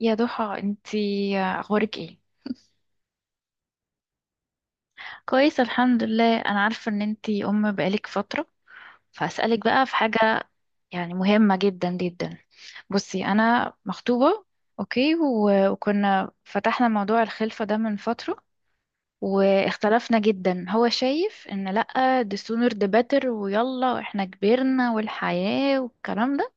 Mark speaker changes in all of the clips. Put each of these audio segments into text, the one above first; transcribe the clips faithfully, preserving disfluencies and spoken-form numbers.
Speaker 1: يا ضحى انتي اخبارك ايه؟ كويس الحمد لله. انا عارفه ان انتي ام بقالك فتره، فاسالك بقى في حاجه يعني مهمه جدا جدا. بصي، انا مخطوبه، اوكي، و- وكنا فتحنا موضوع الخلفه ده من فتره واختلفنا جدا. هو شايف ان لأ، the sooner the better، ويلا احنا كبرنا والحياه والكلام ده.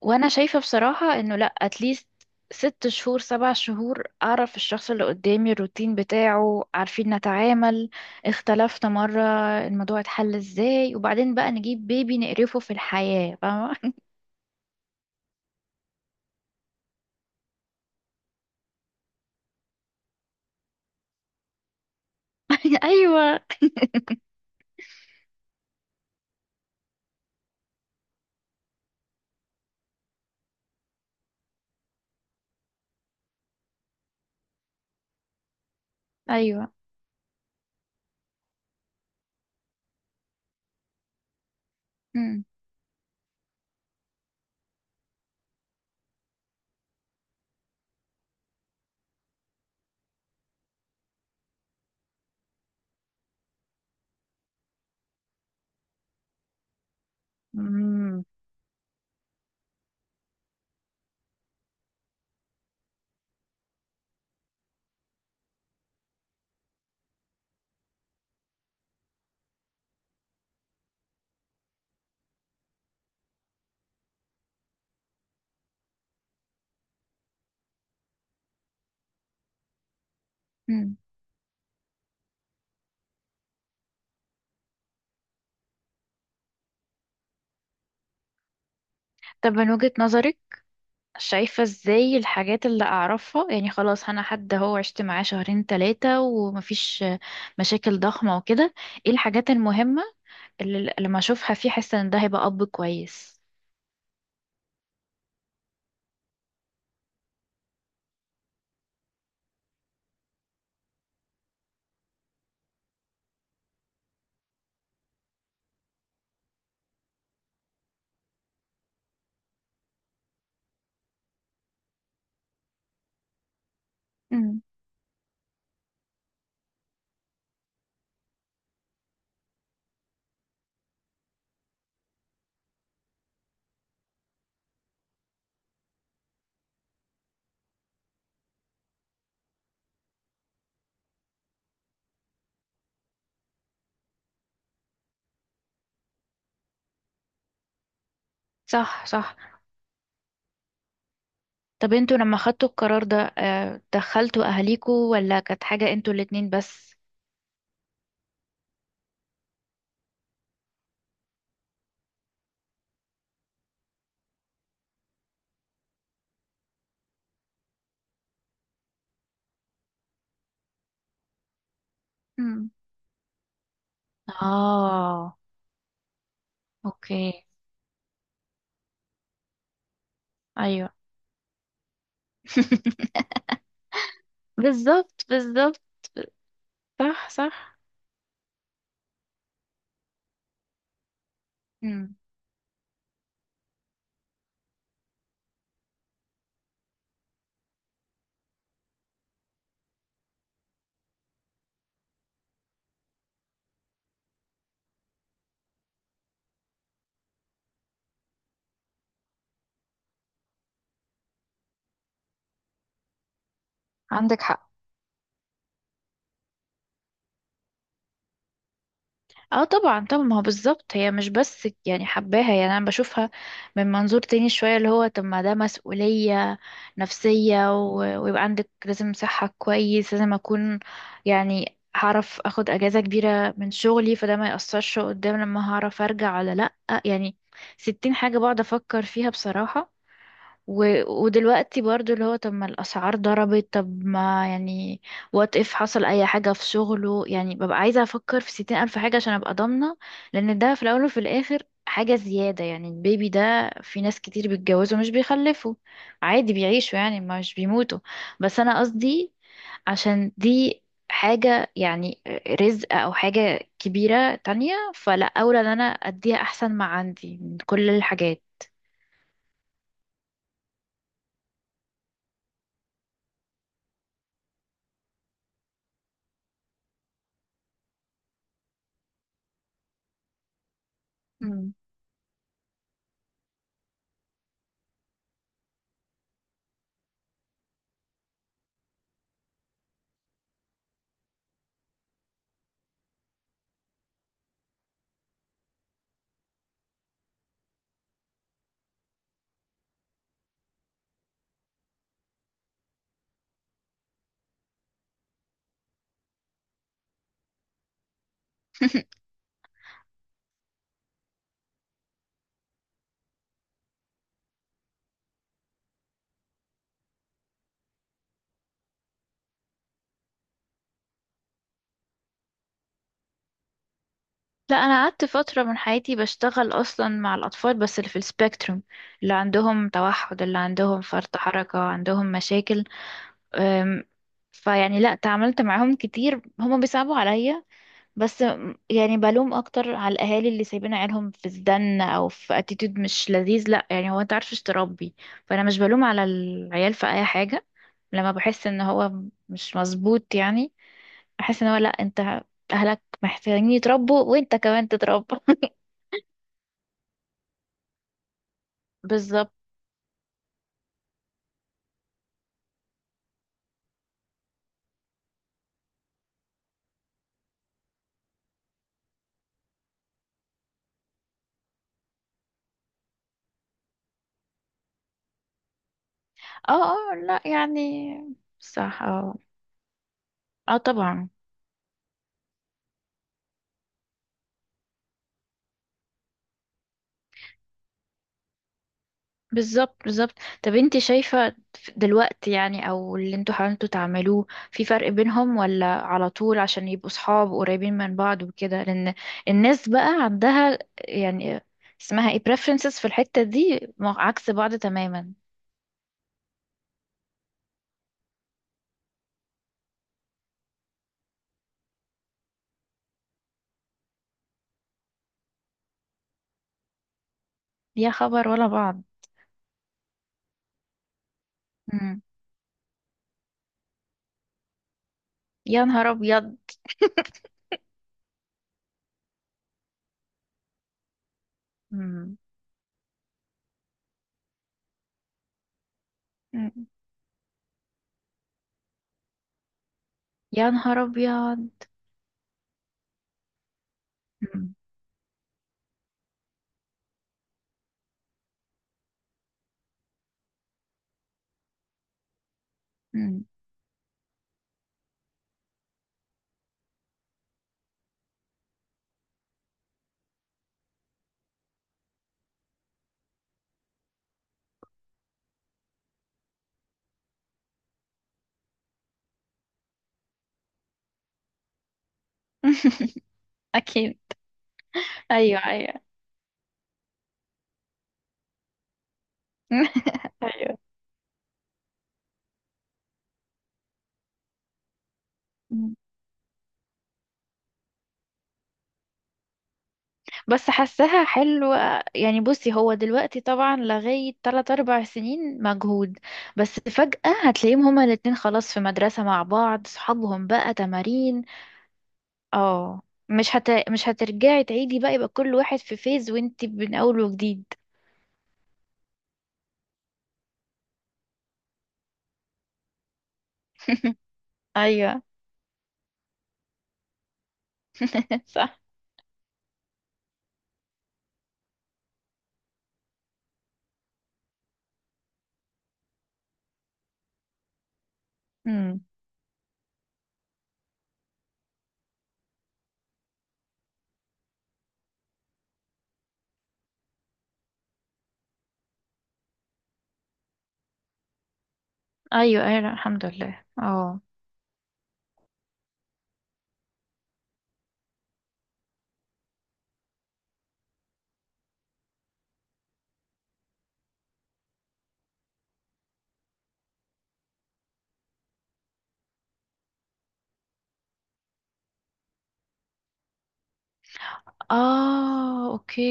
Speaker 1: وانا شايفة بصراحة انه لا، اتليست ست شهور سبع شهور اعرف الشخص اللي قدامي، الروتين بتاعه، عارفين نتعامل، اختلفنا مرة الموضوع اتحل ازاي، وبعدين بقى نجيب بيبي نقرفه في الحياة، فاهمة؟ ايوه، ايوه. مم. مم. مم. طب من وجهة نظرك، شايفة ازاي الحاجات اللي اعرفها؟ يعني خلاص انا حد هو عشت معاه شهرين ثلاثة ومفيش مشاكل ضخمة وكده. ايه الحاجات المهمة اللي لما اشوفها فيه احس ان ده هيبقى اب كويس؟ امم. صح، صح. طب انتوا لما خدتوا القرار ده، آه، دخلتوا اهاليكوا، ولا كانت حاجة انتوا الاتنين بس؟ امم. اه. اوكي. ايوه. بالظبط، بالظبط. صح، صح. امم. عندك حق. اه طبعا، طبعا. ما هو بالظبط، هي مش بس يعني حباها، يعني انا بشوفها من منظور تاني شوية، اللي هو طب ما ده مسؤولية نفسية، و- ويبقى عندك لازم صحة كويس، لازم اكون يعني هعرف اخد اجازة كبيرة من شغلي، فده ما يأثرش قدام، لما هعرف ارجع ولا لأ يعني. ستين حاجة بقعد افكر فيها بصراحة. و... ودلوقتي برضو اللي هو طب ما الأسعار ضربت، طب ما يعني وات اف حصل أي حاجة في شغله يعني، ببقى عايزة أفكر في ستين ألف حاجة عشان أبقى ضامنة. لأن ده في الأول وفي الآخر حاجة زيادة، يعني البيبي ده في ناس كتير بيتجوزوا مش بيخلفوا، عادي بيعيشوا يعني مش بيموتوا. بس أنا قصدي عشان دي حاجة يعني، رزق أو حاجة كبيرة تانية، فلا أولى إن أنا أديها أحسن ما عندي من كل الحاجات. مم. لا، انا قعدت فتره من حياتي بشتغل اصلا مع الاطفال، بس اللي في السبيكتروم، اللي عندهم توحد، اللي عندهم فرط حركه، عندهم مشاكل. أم، فيعني لا، تعاملت معاهم كتير، هما بيصعبوا عليا. بس م- يعني بلوم اكتر على الاهالي اللي سايبين عيالهم في الزن او في اتيتيود مش لذيذ. لا يعني، هو انت عارفش تربي، فانا مش بلوم على العيال في اي حاجه. لما بحس ان هو مش مظبوط يعني، احس ان هو لا، انت اهلك محتاجين يتربوا وانت كمان تتربى. بالظبط. اه، اه. لا يعني، صح، اه. اه طبعا. بالظبط، بالظبط. طب انت شايفة دلوقتي يعني، او اللي انتوا حاولتوا تعملوه، في فرق بينهم ولا على طول عشان يبقوا صحاب قريبين من بعض وكده؟ لان الناس بقى عندها يعني اسمها ايه preferences في الحتة دي، مع- عكس بعض تماما. يا خبر، ولا بعض؟ مم. يا نهار ابيض. مم. مم. يا نهار ابيض. مم. مم. اكيد. ايوه، ايوه. ايوه. مم. بس حاساها حلوة يعني. بصي، هو دلوقتي طبعا لغاية ثلاث أربع سنين مجهود، بس فجأة هتلاقيهم هما الاتنين خلاص في مدرسة مع بعض، صحابهم بقى، تمارين. اه، مش هت... مش هترجعي تعيدي بقى، يبقى كل واحد في فيز وانتي من أول وجديد. ايوه. صح. امم. ايوه، ايوه. لا، الحمد لله، اه. اه. اوكي.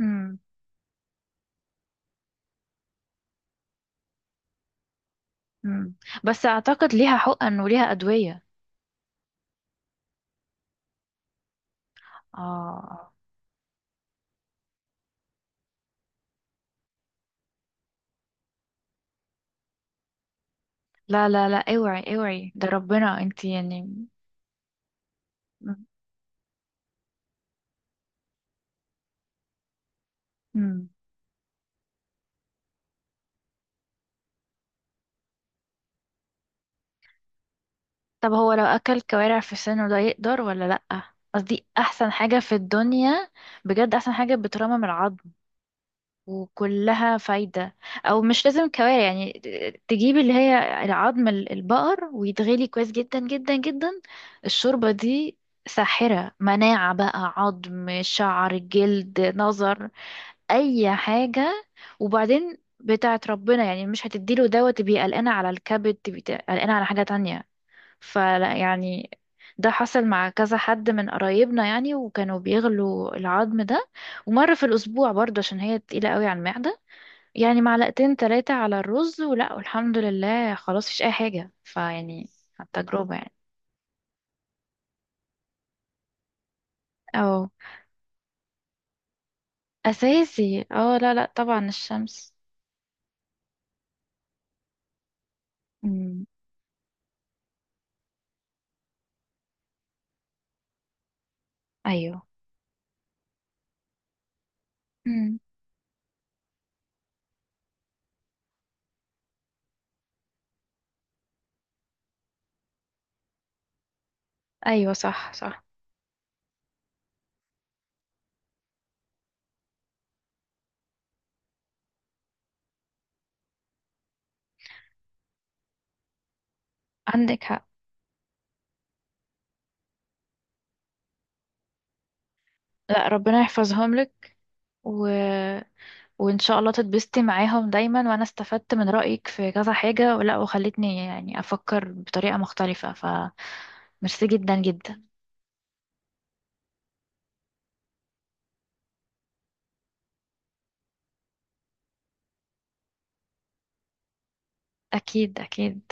Speaker 1: امم. امم. بس اعتقد ليها حقن وليها ادويه. اه لا لا لا، اوعي اوعي، ده ربنا، انتي يعني. مم. طب هو لو اكل كوارع في سنه ده يقدر ولا لأ؟ قصدي احسن حاجة في الدنيا، بجد احسن حاجة بترمم العظم، وكلها فايدة. او مش لازم كوارع، يعني ت- تجيب اللي هي العظم ال- البقر ويتغلي كويس جدا جدا جدا. الشوربة دي ساحرة، مناعة بقى، عظم، شعر، جلد، نظر. اي حاجه. وبعدين بتاعت ربنا، يعني مش هتديله دوت تبقى قلقانه على الكبد، تبقى قلقانه على حاجه تانية، فلا يعني. ده حصل مع كذا حد من قرايبنا يعني، وكانوا بيغلوا العظم ده ومره في الاسبوع برضه، عشان هي تقيله قوي على المعده. يعني معلقتين ثلاثه على الرز ولا، والحمد لله خلاص مفيش اي حاجه، فيعني على التجربه يعني. اه اساسي، اه. لا لا، طبعا الشمس. امم. ايوه. امم. ايوه، صح، صح. عندك حق. لا، ربنا يحفظهم لك. و... وان شاء الله تتبسطي معاهم دايما. وانا استفدت من رأيك في كذا حاجة، ولا وخلتني يعني افكر بطريقة مختلفة، ف ميرسي جدا جدا. اكيد، اكيد.